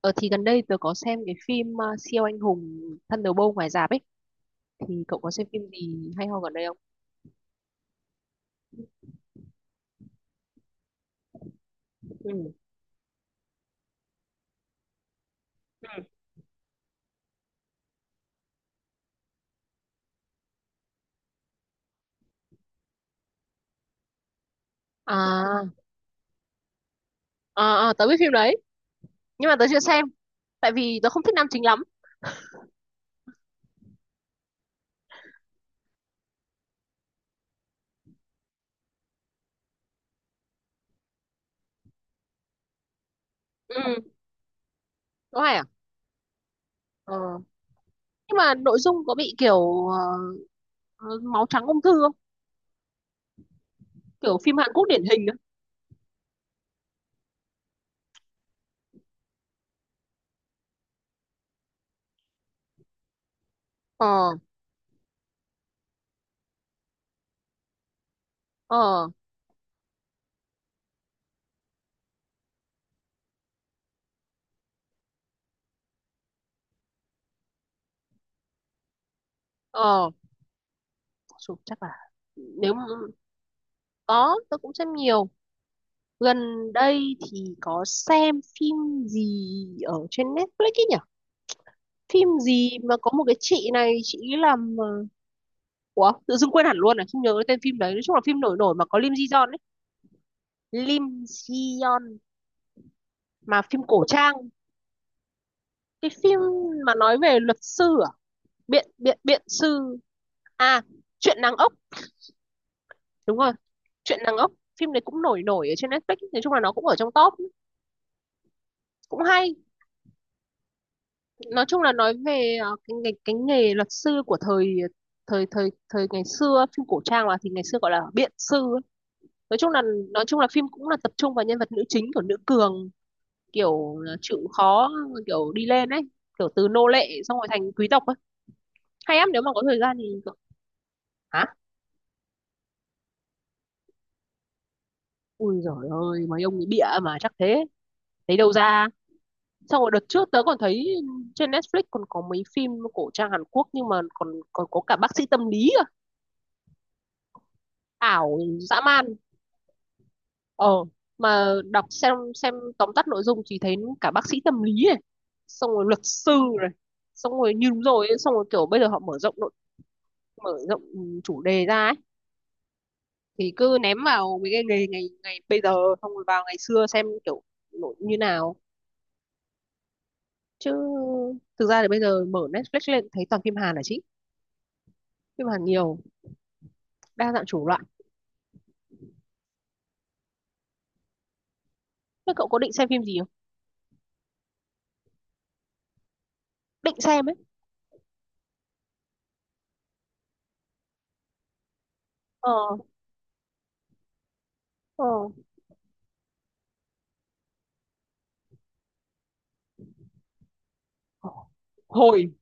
Ờ thì Gần đây tớ có xem cái phim siêu anh hùng Thunderbolt ngoài rạp ấy. Thì cậu có xem phim gì hay ho gần đây không? Ừ. Ừ. À, à, tớ biết phim đấy nhưng mà tớ chưa xem tại vì tớ không thích nam chính lắm. Ừ. Có hay à? Ờ. Nhưng mà nội dung có bị kiểu máu trắng ung thư không? Kiểu phim Hàn Quốc điển hình á. Ờ ờ ờ. Chù, chắc là nếu mà có tớ cũng xem nhiều. Gần đây thì có xem phim gì ở trên Netflix ấy nhỉ? Phim gì mà có một cái chị này, chị ấy làm ủa tự dưng quên hẳn luôn, à không nhớ cái tên phim đấy. Nói chung là phim nổi nổi mà có Lim Ji Yeon ấy, Lim Ji Yeon, mà phim cổ trang, cái phim mà nói về luật sư à, biện biện biện sư. À, chuyện nàng ốc, đúng rồi, chuyện nàng ốc. Phim đấy cũng nổi nổi ở trên Netflix, nói chung là nó cũng ở trong top, cũng hay. Nói chung là nói về cái nghề, cái nghề luật sư của thời thời thời thời ngày xưa, phim cổ trang mà, thì ngày xưa gọi là biện sư ấy. Nói chung là nói chung là phim cũng là tập trung vào nhân vật nữ chính, của nữ cường, kiểu là chịu khó, kiểu đi lên ấy, kiểu từ nô lệ xong rồi thành quý tộc ấy. Hay lắm, nếu mà có thời gian thì kiểu, hả, ui giời ơi mấy ông ấy bịa mà chắc thế, thấy đâu ra. Xong rồi đợt trước tớ còn thấy trên Netflix còn có mấy phim cổ trang Hàn Quốc nhưng mà còn còn có cả bác sĩ tâm lý cơ, ảo, dã man. Ờ, mà đọc xem tóm tắt nội dung thì thấy cả bác sĩ tâm lý này, xong rồi luật sư này, xong rồi như đúng rồi ấy, xong rồi kiểu bây giờ họ mở rộng nội, mở rộng chủ đề ra ấy, thì cứ ném vào mấy cái nghề ngày ngày bây giờ xong rồi vào ngày xưa xem kiểu nội như nào chứ. Thực ra thì bây giờ mở Netflix lên thấy toàn phim Hàn là chính, phim Hàn nhiều, đa dạng chủng loại. Thế cậu có định xem phim gì không, định xem ấy? Ờ ờ, hồi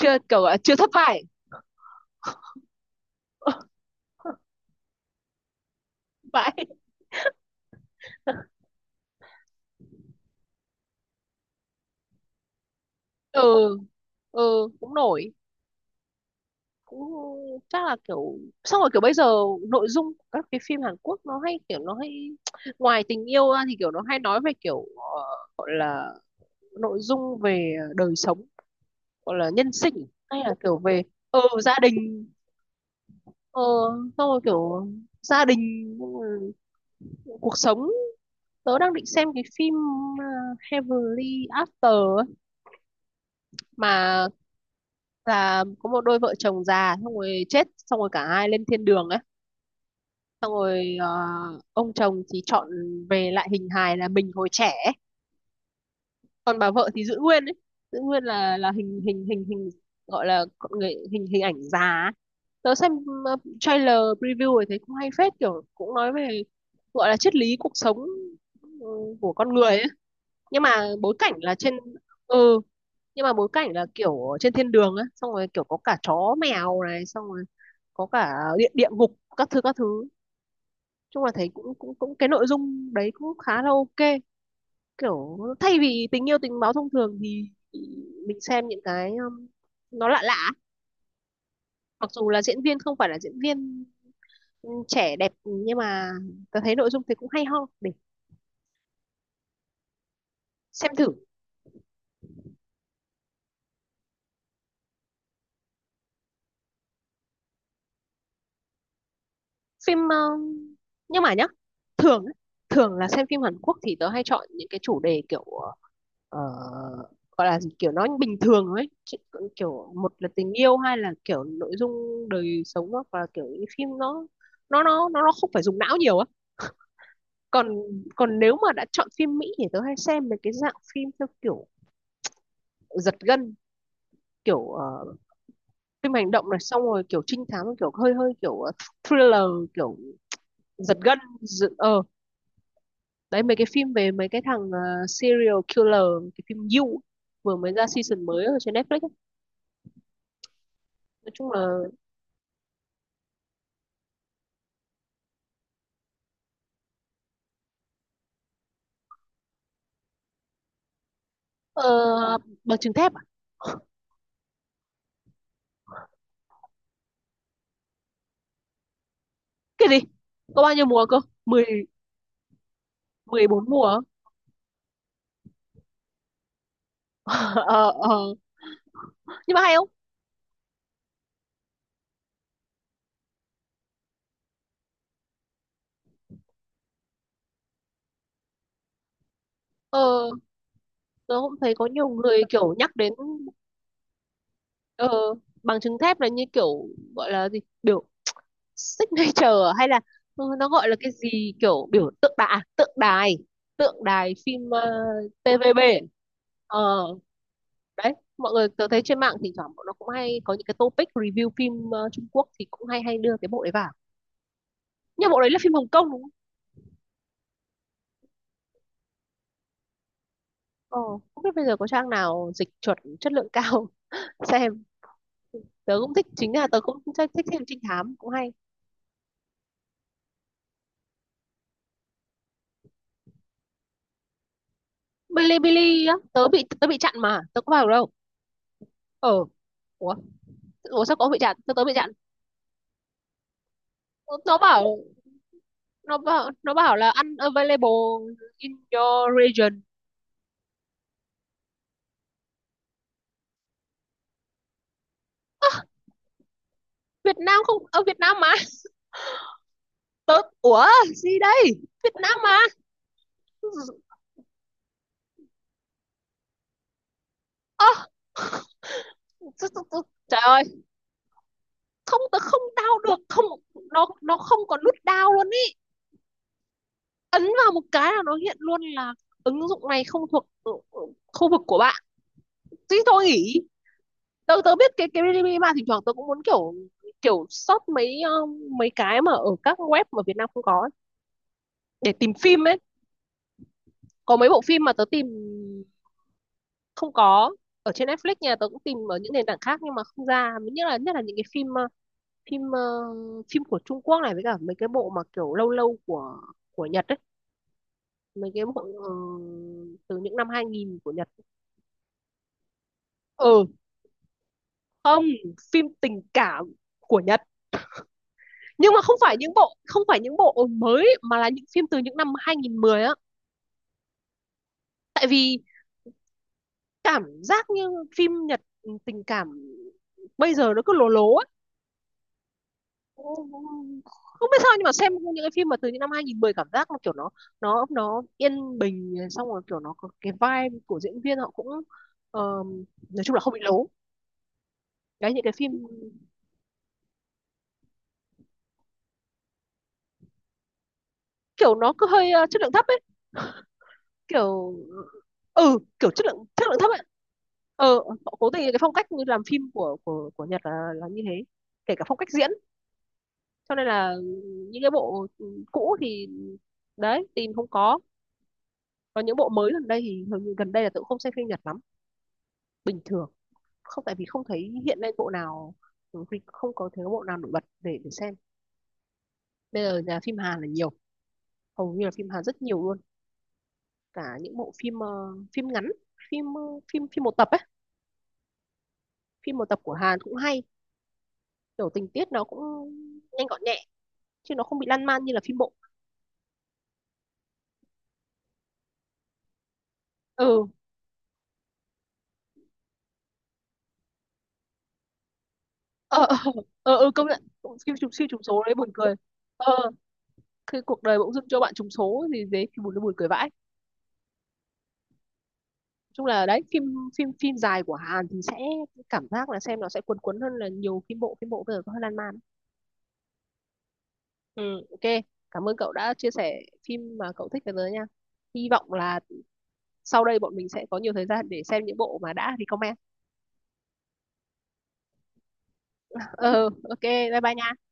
chưa kiểu là chưa thất bại vậy. Ừ, ừ cũng nổi, cũng chắc là kiểu, xong rồi kiểu bây giờ nội dung của các cái phim Hàn Quốc nó hay, kiểu nó hay ngoài tình yêu ra thì kiểu nó hay nói về kiểu gọi là nội dung về đời sống, gọi là nhân sinh hay là kiểu về ờ gia đình. Ờ xong rồi kiểu gia đình, ừ, cuộc sống. Tớ đang định xem cái phim ờ, Heavenly After ấy, mà là có một đôi vợ chồng già xong rồi chết xong rồi cả hai lên thiên đường ấy. Xong rồi ông chồng thì chọn về lại hình hài là mình hồi trẻ ấy. Còn bà vợ thì giữ nguyên ấy, giữ nguyên là hình hình hình hình gọi là con người, hình hình ảnh già ấy. Tớ xem trailer preview rồi thấy cũng hay phết, kiểu cũng nói về gọi là triết lý cuộc sống, ừ, của con người ấy. Nhưng mà bối cảnh là trên, ừ, nhưng mà bối cảnh là kiểu ở trên thiên đường á, xong rồi kiểu có cả chó mèo này, xong rồi có cả địa địa ngục các thứ các thứ. Chung là thấy cũng cũng cũng cái nội dung đấy cũng khá là ok, kiểu thay vì tình yêu tình báo thông thường thì mình xem những cái nó lạ lạ, mặc dù là diễn viên không phải là diễn viên trẻ đẹp nhưng mà tôi thấy nội dung thì cũng hay ho để xem thử. Phim nhưng mà nhá, thường á, thường là xem phim Hàn Quốc thì tớ hay chọn những cái chủ đề kiểu ờ, gọi là gì, kiểu nó bình thường ấy. Chứ kiểu một là tình yêu hay là kiểu nội dung đời sống, hoặc là kiểu những phim nó nó không phải dùng não nhiều á. Còn còn nếu mà đã chọn phim Mỹ thì tớ hay xem mấy cái dạng phim theo kiểu giật gân, kiểu phim hành động này, xong rồi kiểu trinh thám, kiểu hơi hơi kiểu thriller, kiểu giật gân đấy, mấy cái phim về mấy cái thằng serial killer. Cái phim You vừa mới ra season mới ở trên Netflix ấy. Nói chung là ờ, bằng chứng thép à? Cái gì, có bao nhiêu mùa cơ, mười, mười bốn mùa á? Ờ ờ, nhưng mà hay không? Ờ, tớ cũng thấy có nhiều người kiểu nhắc đến ờ, bằng chứng thép, là như kiểu gọi là gì, biểu signature à? Hay là nó gọi là cái gì, kiểu biểu, tượng đài phim TVB. Ờ đấy, mọi người tớ thấy trên mạng thỉnh thoảng bọn nó cũng hay có những cái topic review phim Trung Quốc thì cũng hay hay đưa cái bộ đấy vào. Nhưng bộ đấy là phim Hồng Kông đúng không? Ờ, không biết bây giờ có trang nào dịch chuẩn chất lượng cao xem. Tớ cũng thích, chính là tớ cũng thích, thích xem trinh thám cũng hay. Bilibili á, tớ bị, tớ bị chặn mà tớ có vào được đâu. Ờ, ủa, ủa sao có bị chặn, tớ tớ bị chặn. Ờ, nó bảo, nó bảo là unavailable in your region. Việt Nam, không ở Việt Nam mà tớ, ủa gì đây, Việt Nam mà. Ơ, trời ơi, không tớ không đau được không, nó nó không có nút đau luôn ý, ấn vào một cái là nó hiện luôn là ứng dụng này không thuộc khu vực của bạn. Thế thì thôi nghỉ. Tớ tớ biết cái Bilibili mà thỉnh thoảng tớ cũng muốn kiểu, kiểu search mấy mấy cái mà ở các web mà Việt Nam không có ấy, để tìm phim ấy. Có mấy bộ phim mà tớ tìm không có ở trên Netflix nhà, tớ cũng tìm ở những nền tảng khác nhưng mà không ra, nhất là những cái phim phim phim của Trung Quốc này với cả mấy cái bộ mà kiểu lâu lâu của Nhật ấy, mấy cái bộ từ những năm 2000 của Nhật. Ừ, không, phim tình cảm của Nhật, nhưng mà không phải những bộ, không phải những bộ mới mà là những phim từ những năm 2010 á. Tại vì cảm giác như phim Nhật tình cảm bây giờ nó cứ lố lố ấy. Cũng- không biết sao nhưng mà xem những cái phim mà từ những năm 2010 cảm giác nó kiểu nó nó yên bình, xong rồi kiểu nó có cái vibe của diễn viên họ cũng ờ, nói chung là không bị lố. Những cái phim kiểu nó cứ hơi chất lượng thấp ấy, kiểu ừ kiểu chất lượng thấp ấy. Ờ, họ cố tình cái phong cách như làm phim của của Nhật là như thế, kể cả phong cách diễn, cho nên là những cái bộ cũ thì đấy tìm không có. Còn những bộ mới gần đây thì hầu như gần đây là tự không xem phim Nhật lắm, bình thường. Không tại vì không thấy hiện lên bộ nào, không có thấy bộ nào nổi bật để xem. Bây giờ nhà phim Hàn là nhiều, hầu như là phim Hàn rất nhiều luôn. Cả những bộ phim phim ngắn, phim phim, phim một tập ấy, phim một tập của Hàn cũng hay, kiểu tình tiết nó cũng nhanh gọn nhẹ chứ nó không bị lan man như là phim bộ. Ừ ờ ờ, ờ ờ công nhận, phim trùng siêu trùng số đấy buồn cười. Ờ, cái cuộc đời bỗng dưng cho bạn trùng số thì thế thì buồn, nó buồn cười vãi. Chung là đấy phim, phim dài của Hàn thì sẽ cảm giác là xem nó sẽ cuốn cuốn hơn, là nhiều phim bộ, phim bộ bây giờ có hơi lan man. ừ, ok, cảm ơn cậu đã chia sẻ phim mà cậu thích với tớ nha. Hy vọng là sau đây bọn mình sẽ có nhiều thời gian để xem những bộ mà đã recommend. Ừ, ok bye bye nha.